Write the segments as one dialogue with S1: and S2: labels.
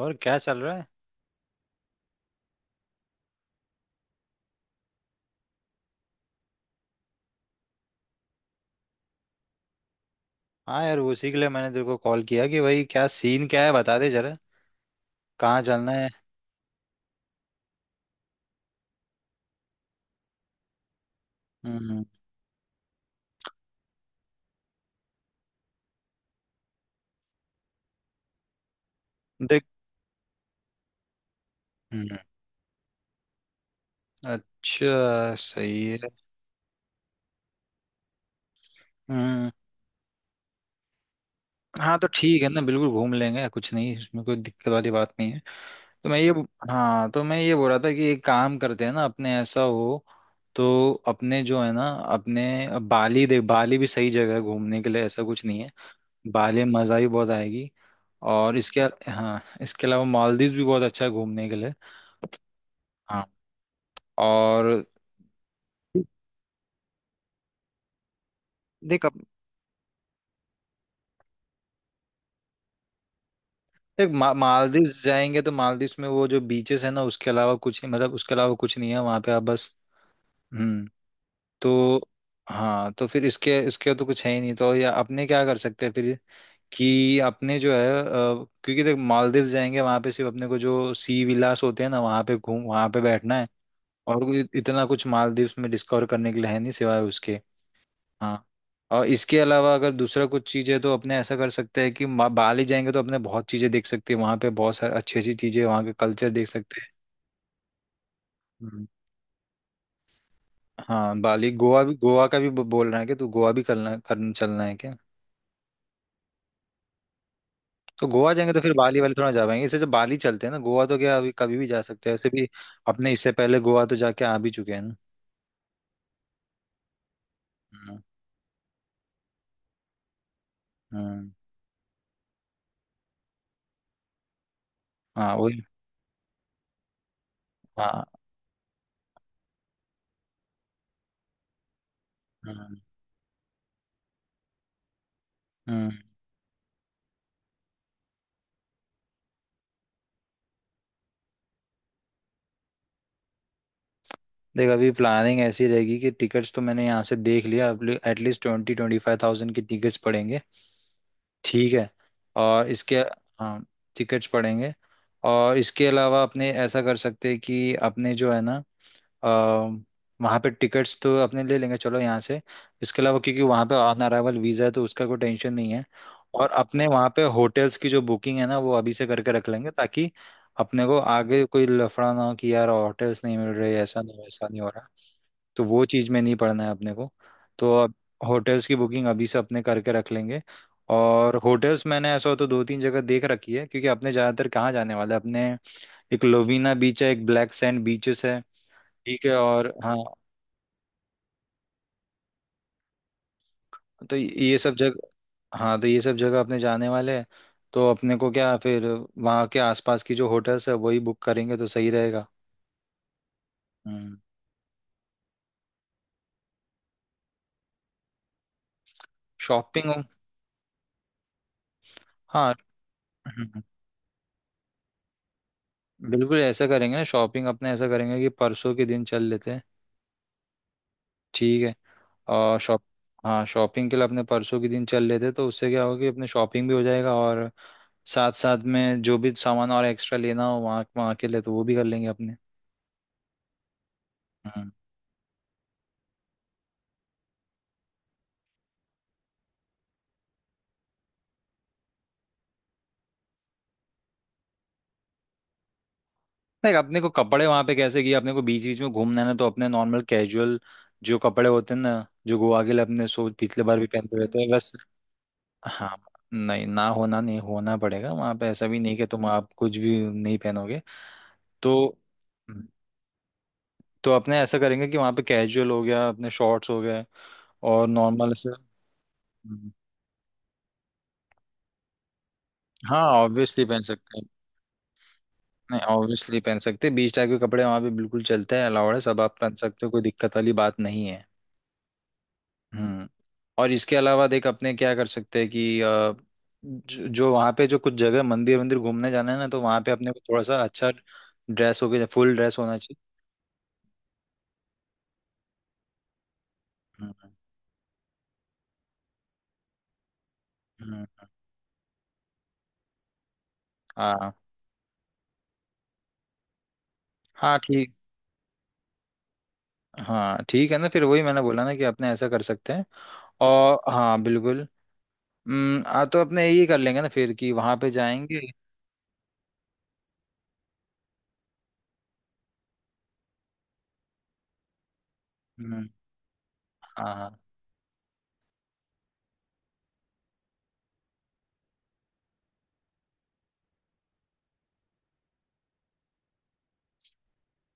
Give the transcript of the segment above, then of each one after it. S1: और क्या चल रहा है? हाँ यार, उसी के लिए मैंने तेरे को कॉल किया कि भाई क्या सीन क्या है बता दे जरा। कहाँ चलना है? हम्म। देख। हम्म। अच्छा सही है। हम्म। हाँ तो ठीक है ना, बिल्कुल घूम लेंगे, कुछ नहीं इसमें कोई दिक्कत वाली बात नहीं है। तो मैं ये, हाँ तो मैं ये बोल रहा था कि एक काम करते हैं ना, अपने ऐसा हो तो अपने जो है ना, अपने बाली, देख बाली भी सही जगह है घूमने के लिए, ऐसा कुछ नहीं है। बाली में मजा भी बहुत आएगी। और इसके, हाँ इसके अलावा मालदीव भी बहुत अच्छा है घूमने के लिए। हाँ। और, देख अब, देख मालदीव जाएंगे तो मालदीव में वो जो बीचेस है ना उसके अलावा कुछ नहीं, मतलब उसके अलावा कुछ नहीं है, वहाँ पे आप बस। हम्म। तो, हाँ तो फिर इसके इसके तो कुछ है ही नहीं तो या अपने क्या कर सकते हैं फिर कि अपने जो है क्योंकि देख मालदीव जाएंगे वहाँ पे सिर्फ अपने को जो सी विलास होते हैं ना वहाँ पे घूम वहाँ पे बैठना है। और कोई इतना कुछ मालदीव में डिस्कवर करने के लिए है नहीं सिवाय उसके। हाँ। और इसके अलावा अगर दूसरा कुछ चीज़ है तो अपने ऐसा कर सकते हैं कि बाली जाएंगे तो अपने बहुत चीज़ें देख सकते हैं वहाँ पे, बहुत सारी अच्छी अच्छी चीज़ें, वहाँ के कल्चर देख सकते हैं। हम्म। हाँ बाली, गोवा भी, गोवा का भी बोल रहा है कि तो गोवा भी करना करना चलना है क्या? तो गोवा जाएंगे तो फिर बाली वाली थोड़ा जा पाएंगे, इससे जो बाली चलते हैं ना, गोवा तो क्या अभी कभी भी जा सकते हैं वैसे भी। अपने इससे पहले गोवा तो जाके आ भी चुके हैं ना। हम्म। हम्म। हाँ वही। हाँ। हम्म। हम्म। देख अभी प्लानिंग ऐसी रहेगी कि टिकट्स तो मैंने यहाँ से देख लिया। एटलीस्ट 25,000 की टिकट्स पड़ेंगे। ठीक है। और इसके, हाँ टिकट्स पड़ेंगे। और इसके अलावा अपने ऐसा कर सकते हैं कि अपने जो है ना अ, वहाँ पे टिकट्स तो अपने ले लेंगे चलो यहाँ से। इसके अलावा क्योंकि वहाँ पे ऑन अराइवल वीज़ा है तो उसका कोई टेंशन नहीं है। और अपने वहाँ पे होटल्स की जो बुकिंग है ना वो अभी से करके रख लेंगे, ताकि अपने को आगे कोई लफड़ा ना हो कि यार होटल्स नहीं मिल रहे, ऐसा नहीं वैसा नहीं हो रहा। तो वो चीज़ में नहीं पड़ना है अपने को। तो अब होटल्स की बुकिंग अभी से अपने करके रख लेंगे। और होटल्स मैंने ऐसा हो तो 2-3 जगह देख रखी है, क्योंकि अपने ज़्यादातर कहाँ जाने वाले हैं? अपने एक लोवीना बीच है, एक ब्लैक सैंड बीचेस है। ठीक है। और हाँ तो ये सब जगह, हाँ तो ये सब जगह अपने जाने वाले हैं। तो अपने को क्या फिर वहाँ के आसपास की जो होटल्स है वही बुक करेंगे तो सही रहेगा। हम्म। शॉपिंग? हाँ। हम्म। हम्म। बिल्कुल ऐसा करेंगे ना, शॉपिंग अपने ऐसा करेंगे कि परसों के दिन चल लेते हैं। ठीक है। और शॉप, हाँ शॉपिंग के लिए अपने परसों के दिन चल लेते हैं तो उससे क्या होगा कि अपने शॉपिंग भी हो जाएगा, और साथ साथ में जो भी सामान और एक्स्ट्रा लेना हो वहाँ वहाँ के लिए तो वो भी कर लेंगे अपने। हम्म। नहीं, अपने को कपड़े वहां पे कैसे किए, अपने को बीच बीच में घूमना है ना तो अपने नॉर्मल कैजुअल जो कपड़े होते हैं ना, जो गोवा के लिए अपने सो पिछले बार भी पहनते हुए थे बस। हाँ। नहीं ना होना नहीं होना पड़ेगा वहां पे, ऐसा भी नहीं कि तुम आप कुछ भी नहीं पहनोगे। तो हम्म, तो अपने ऐसा करेंगे कि वहां पे कैजुअल हो गया, अपने शॉर्ट्स हो गए और नॉर्मल ऐसे। हम्म, हाँ ऑब्वियसली पहन सकते हैं। नहीं ऑब्वियसली पहन सकते हैं, बीच टाइप के कपड़े वहां पे बिल्कुल चलते हैं, अलाउड है, सब आप पहन सकते हो, कोई दिक्कत वाली बात नहीं है। हम्म। और इसके अलावा देख अपने क्या कर सकते हैं कि जो वहाँ पे जो कुछ जगह मंदिर मंदिर घूमने जाना है ना तो वहाँ पे अपने को थोड़ा सा अच्छा ड्रेस हो गया, फुल ड्रेस होना चाहिए। हम्म। हम्म। हम्म। हाँ हाँ ठीक। हाँ ठीक है ना, फिर वही मैंने बोला ना कि अपने ऐसा कर सकते हैं। और हाँ बिल्कुल। हम्म। हाँ तो अपने यही कर लेंगे ना फिर कि वहाँ पे जाएंगे। हम्म। हाँ हाँ।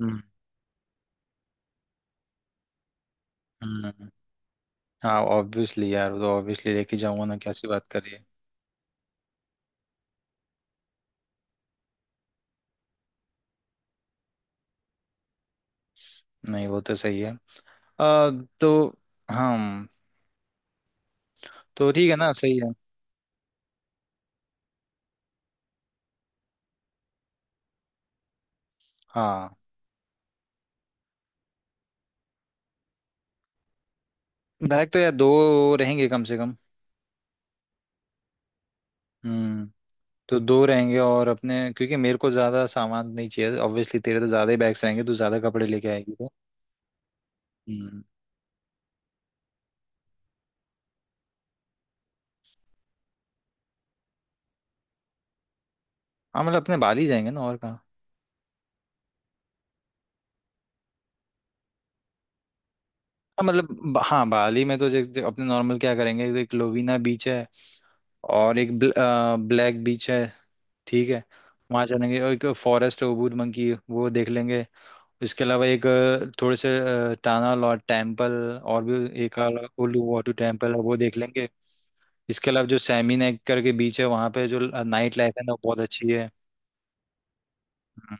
S1: हम्म। हम्म। हाँ ऑब्वियसली यार, वो तो ऑब्वियसली लेके जाऊंगा ना, कैसी बात करिए। नहीं वो तो सही है। आ, तो हम, तो ठीक है ना, सही है। हाँ बैग तो यार दो रहेंगे कम से कम। हम्म। तो दो रहेंगे, और अपने क्योंकि मेरे को ज्यादा सामान नहीं चाहिए ऑब्वियसली, तेरे तो ज्यादा ही बैग्स रहेंगे, तू ज्यादा कपड़े लेके आएगी तो। हम्म। हाँ मतलब अपने बाली जाएंगे ना, और कहाँ। हाँ मतलब हाँ बाली में तो जैसे अपने नॉर्मल क्या करेंगे, एक लोवीना बीच है और एक ब्लैक बीच है। ठीक है। वहाँ चलेंगे और एक फॉरेस्ट ओबूर मंकी वो देख लेंगे। इसके अलावा एक थोड़े से टाना लॉट टेम्पल, और भी एक उलू वाटू टेम्पल है वो देख लेंगे। इसके अलावा जो सैमी नेक करके बीच है वहाँ पे जो नाइट लाइफ है ना वो बहुत अच्छी है। हम्म।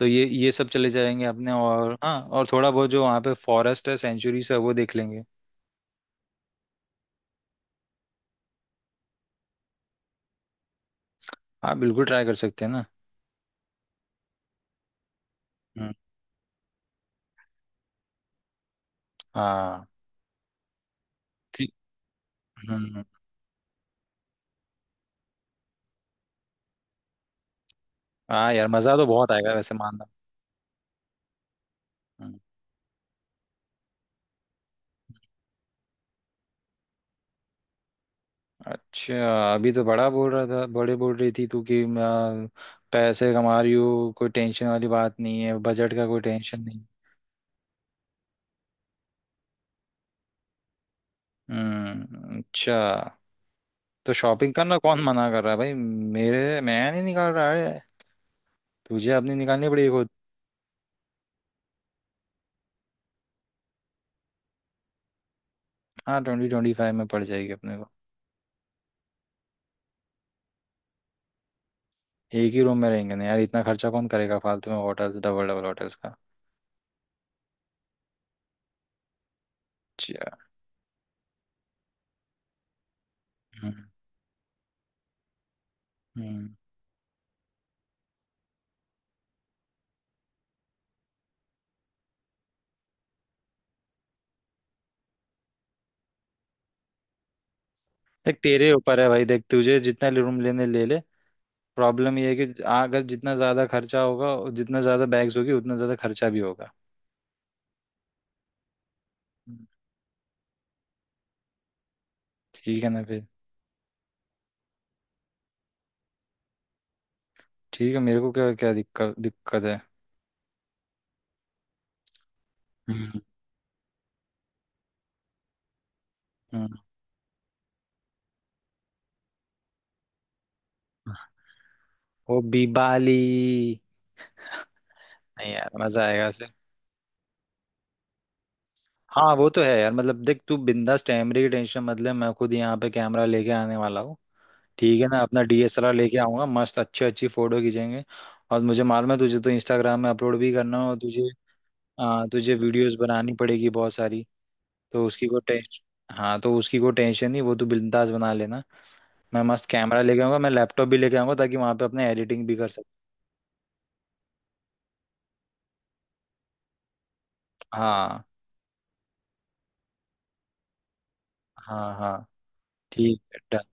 S1: तो ये सब चले जाएंगे अपने, और हाँ और थोड़ा बहुत जो वहाँ पे फॉरेस्ट है, सेंचुरीज है वो देख लेंगे। हाँ बिल्कुल ट्राई कर सकते हैं ना। हम्म। हाँ ठीक। हम्म। हम्म। हाँ यार मज़ा तो बहुत आएगा वैसे मानना। हम्म। अच्छा, अभी तो बड़ा बोल रहा था, बड़े बोल रही थी तू कि पैसे कमा रही हो कोई टेंशन वाली बात नहीं है, बजट का कोई टेंशन नहीं। हम्म। अच्छा। तो शॉपिंग करना कौन मना कर रहा है भाई मेरे, मैं नहीं निकाल रहा है तुझे, अपनी निकालनी पड़ेगी खुद। हाँ 25,000 में पड़ जाएगी अपने को। एक ही रूम में रहेंगे ना यार, इतना खर्चा कौन करेगा फालतू में होटल्स, डबल डबल होटल्स का। अच्छा। हम्म। हम्म। देख तेरे ऊपर है भाई, देख तुझे जितना रूम लेने ले ले। प्रॉब्लम ये है कि अगर जितना ज़्यादा खर्चा होगा और जितना ज़्यादा बैग्स होगी उतना ज़्यादा खर्चा भी होगा। हम्म। ठीक है ना फिर। ठीक है, मेरे को क्या क्या दिक्कत दिक्कत है। हम्म। हम्म। वो बीबाली। नहीं यार मजा आएगा उसे। हाँ वो तो है यार, मतलब देख तू बिंदास, कैमरे की टेंशन मत ले, मैं खुद यहाँ पे कैमरा लेके आने वाला हूँ। ठीक है ना, अपना डीएसएलआर लेके आऊंगा, मस्त अच्छी अच्छी फोटो खींचेंगे। और मुझे मालूम है तुझे तो इंस्टाग्राम में अपलोड भी करना है, और तुझे तुझे वीडियोस बनानी पड़ेगी बहुत सारी। तो उसकी को टेंशन, हाँ तो उसकी को टेंशन नहीं, वो तू बिंदास बना लेना। मैं मस्त कैमरा लेके आऊंगा, मैं लैपटॉप भी लेके आऊंगा ताकि वहां पे अपने एडिटिंग भी कर सकते। हाँ हाँ हाँ। ठीक है डन।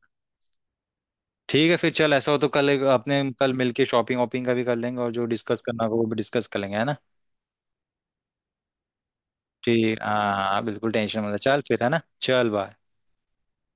S1: ठीक है फिर चल ऐसा हो तो कल अपने कल मिलके शॉपिंग वॉपिंग का भी कर लेंगे और जो डिस्कस करना होगा वो भी डिस्कस कर लेंगे, है ना। ठीक, हाँ हाँ बिल्कुल टेंशन मत ले। चल फिर है ना, चल बाय।